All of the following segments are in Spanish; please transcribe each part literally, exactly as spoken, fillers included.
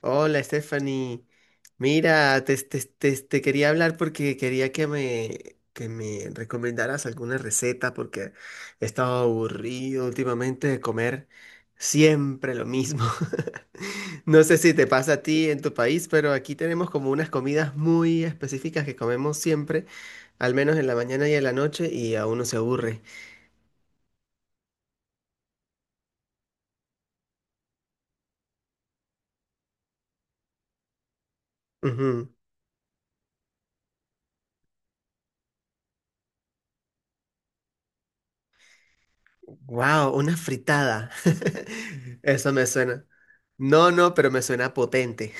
Hola, Stephanie. Mira, te, te- te- te quería hablar porque quería que me, que me recomendaras alguna receta porque he estado aburrido últimamente de comer siempre lo mismo. No sé si te pasa a ti en tu país, pero aquí tenemos como unas comidas muy específicas que comemos siempre, al menos en la mañana y en la noche, y a uno se aburre. Wow, una fritada. Eso me suena. No, no, pero me suena potente.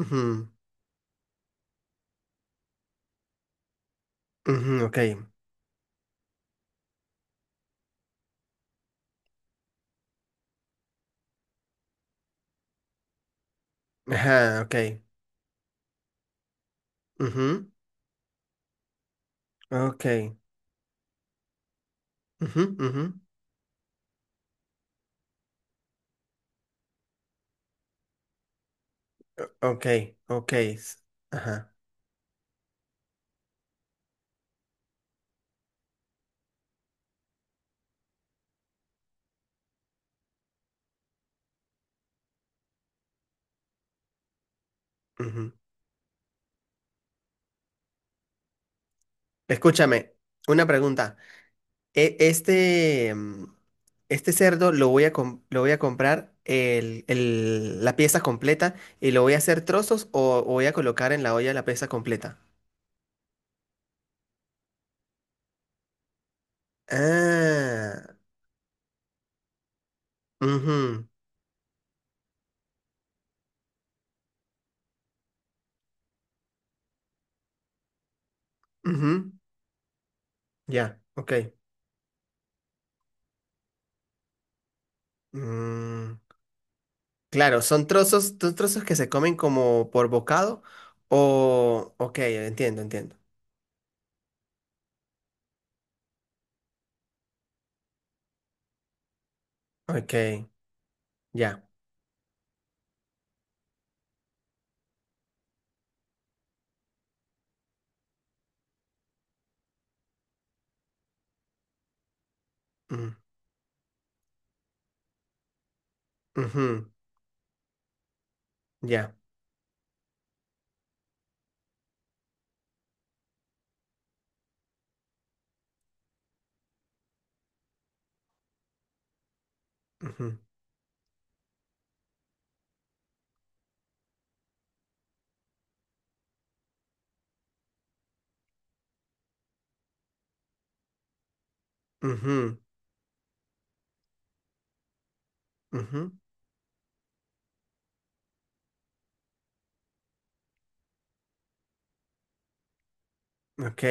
Ujú, ujú, ok. Ajá, ok. Ujú, ok. Ujú, ujú, ok, ok. s- Ajá. Ujú. Escúchame, una pregunta. E- este, mm, este cerdo lo voy a, com- lo voy a comprar el, el- la pieza completa y lo voy a hacer trozos o o voy a colocar en la olla la pieza completa. Ah, ujú, ujú, ya, ok. Mm, claro, son trozos, son trozos que se comen como por bocado o... Ok, entiendo, entiendo. Ok, ya. Mm, ujú, ya. Ujú, ujú, ujú, ok.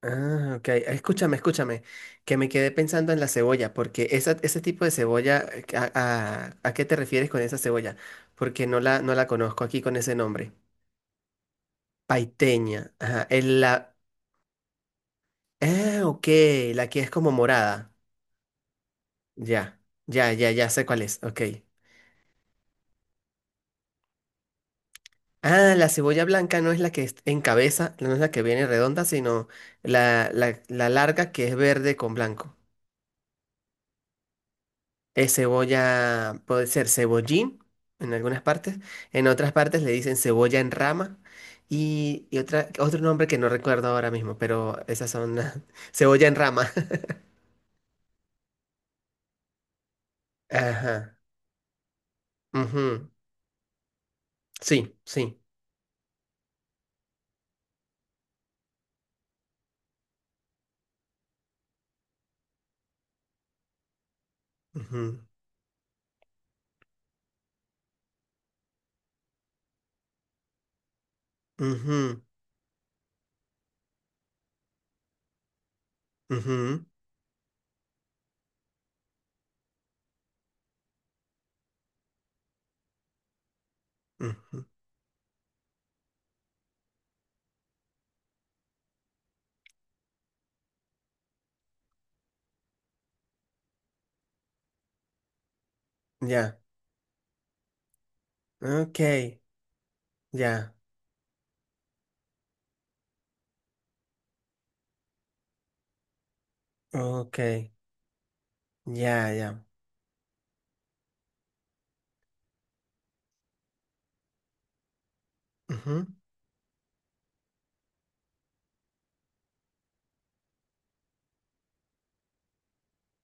Ah, ok. Escúchame, escúchame, que me quedé pensando en la cebolla, porque esa, ese tipo de cebolla, eh, ¿a, a- a qué te refieres con esa cebolla? Porque no la, no la conozco aquí con ese nombre. Paiteña. Ajá. El la... Ah, ok, la que es como morada. Ya, ya, ya, ya sé cuál es. Ok. Ah, la cebolla blanca no es la que es en cabeza, no es la que viene redonda, sino la, la, la larga que es verde con blanco. Es cebolla, puede ser cebollín en algunas partes, en otras partes le dicen cebolla en rama y, y otra, otro nombre que no recuerdo ahora mismo, pero esas son las- cebolla en rama. Ajá. Ujú, sí, sí. Ujú, ujú, ujú, ujú, ya. Ok. Ya. Ok, ya, ya. Ujú,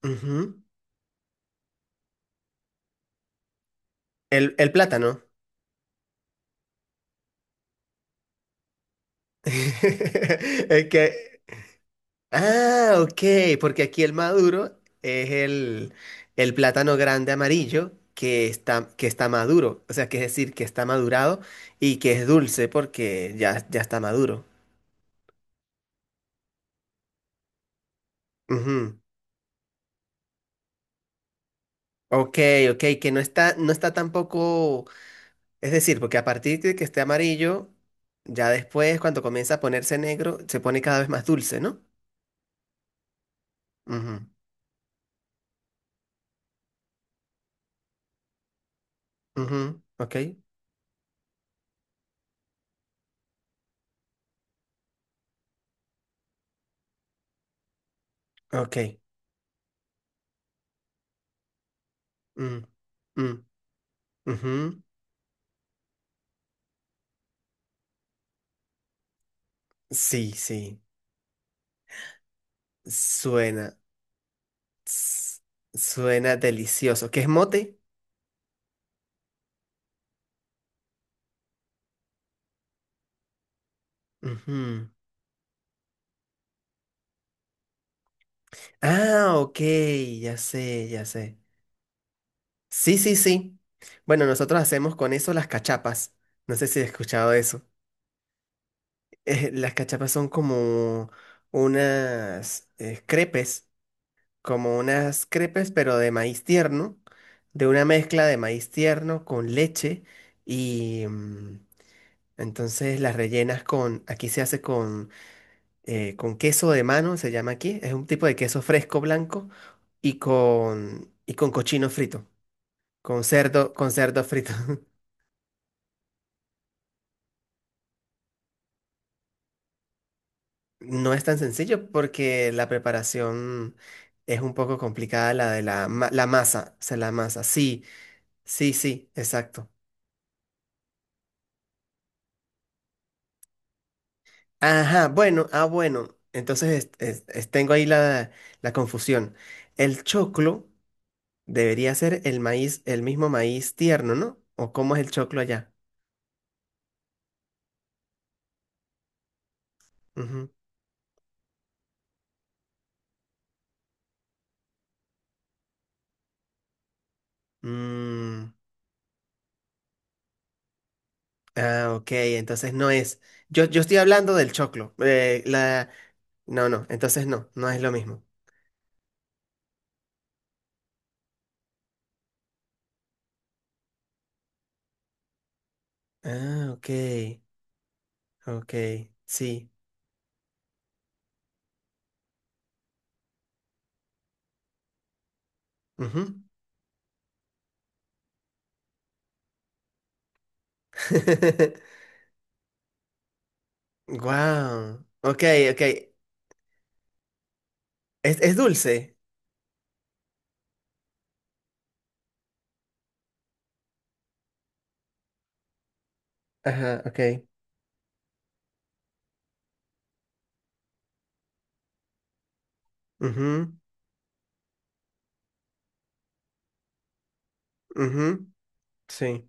ujú. El, el plátano. Es que... Ah, ok, porque aquí el maduro es el, el plátano grande amarillo que está, que está maduro. O sea, que es decir, que está madurado y que es dulce porque ya, ya está maduro. Ujú. Ok, ok, que no está, no está tampoco... Es decir, porque a partir de que esté amarillo, ya después, cuando comienza a ponerse negro, se pone cada vez más dulce, ¿no? Ujú, ujú, ok, ok. Mm, mm, ujú, sí, sí. Suena. S- Suena delicioso. ¿Qué es mote? Ujú. Ah, ok, ya sé, ya sé. Sí, sí, sí. Bueno, nosotros hacemos con eso las cachapas. No sé si has escuchado eso. Eh, las cachapas son como unas eh, crepes, como unas crepes, pero de maíz tierno, de una mezcla de maíz tierno con leche y mm, entonces las rellenas con, aquí se hace con, eh, con queso de mano, se llama aquí, es un tipo de queso fresco blanco y con, y con cochino frito, con cerdo, con cerdo frito. No es tan sencillo porque la preparación es un poco complicada, la de la, ma- la masa, o sea, la masa, sí, sí, sí, exacto. Ajá, bueno, ah, bueno. Entonces es- es- es- tengo ahí la, la confusión. El choclo debería ser el maíz, el mismo maíz tierno, ¿no? ¿O cómo es el choclo allá? Ujú. Mm, ah, ok, entonces no es. Yo, yo estoy hablando del choclo. Eh, la... No, no, entonces no, no es lo mismo. Ah, ok, ok, sí. Ujú. Wow, ok, ok. Es, es dulce. Ajá, ok. Ujú, ujú. Sí.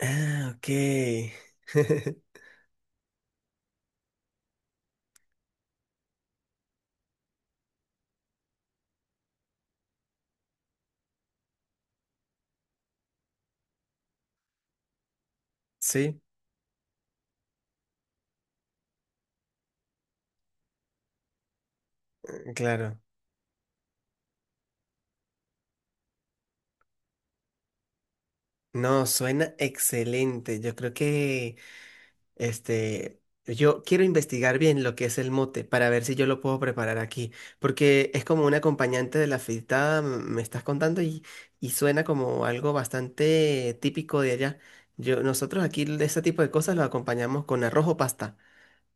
Ah, ok. Sí, claro. No, suena excelente. Yo creo que, este, yo quiero investigar bien lo que es el mote para ver si yo lo puedo preparar aquí, porque es como un acompañante de la fritada, m- me estás contando y, y suena como algo bastante típico de allá. Yo, nosotros aquí de ese tipo de cosas lo acompañamos con arroz o pasta,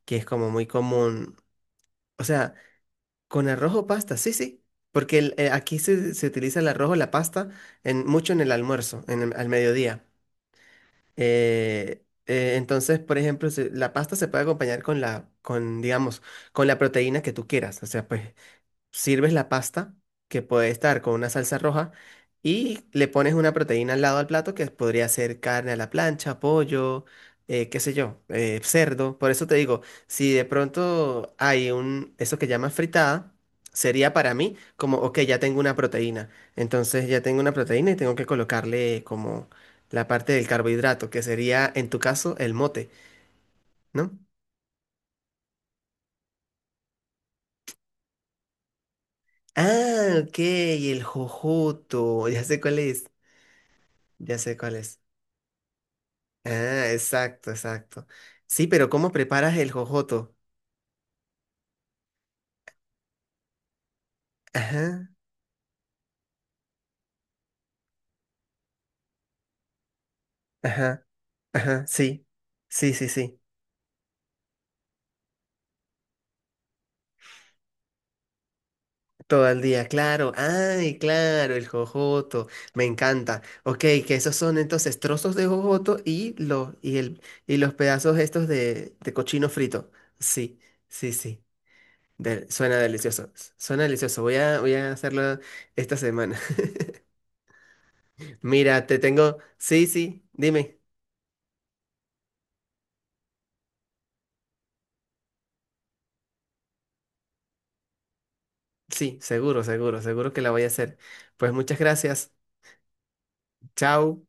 que es como muy común. O sea, con arroz o pasta, sí, sí. Porque el- eh, aquí se, se utiliza el arroz o la pasta en, mucho en el almuerzo, en el- al mediodía. Eh, eh, entonces, por ejemplo, se- la pasta se puede acompañar con la, con, digamos, con la proteína que tú quieras. O sea, pues sirves la pasta, que puede estar con una salsa roja, y le pones una proteína al lado al plato, que podría ser carne a la plancha, pollo, eh, qué sé yo, eh, cerdo. Por eso te digo, si de pronto hay un, eso que llamas fritada, sería para mí como, ok, ya tengo una proteína. Entonces ya tengo una proteína y tengo que colocarle como la parte del carbohidrato, que sería en tu caso el mote, ¿no? Ah, ok, el jojoto, ya sé cuál es, ya sé cuál es. Ah, exacto, exacto. Sí, pero ¿cómo preparas el jojoto? Ajá, ajá, ajá, sí, sí, sí, sí. Todo el día, claro. Ay, claro, el jojoto. Me encanta. Ok, que esos son entonces trozos de jojoto y los, y el, y los pedazos estos de, de cochino frito. Sí, sí, sí. Del suena delicioso. S- Suena delicioso. Voy a, voy a hacerlo esta semana. Mira, te tengo. Sí, sí, dime. Sí, seguro, seguro, seguro que la voy a hacer. Pues muchas gracias. Chao.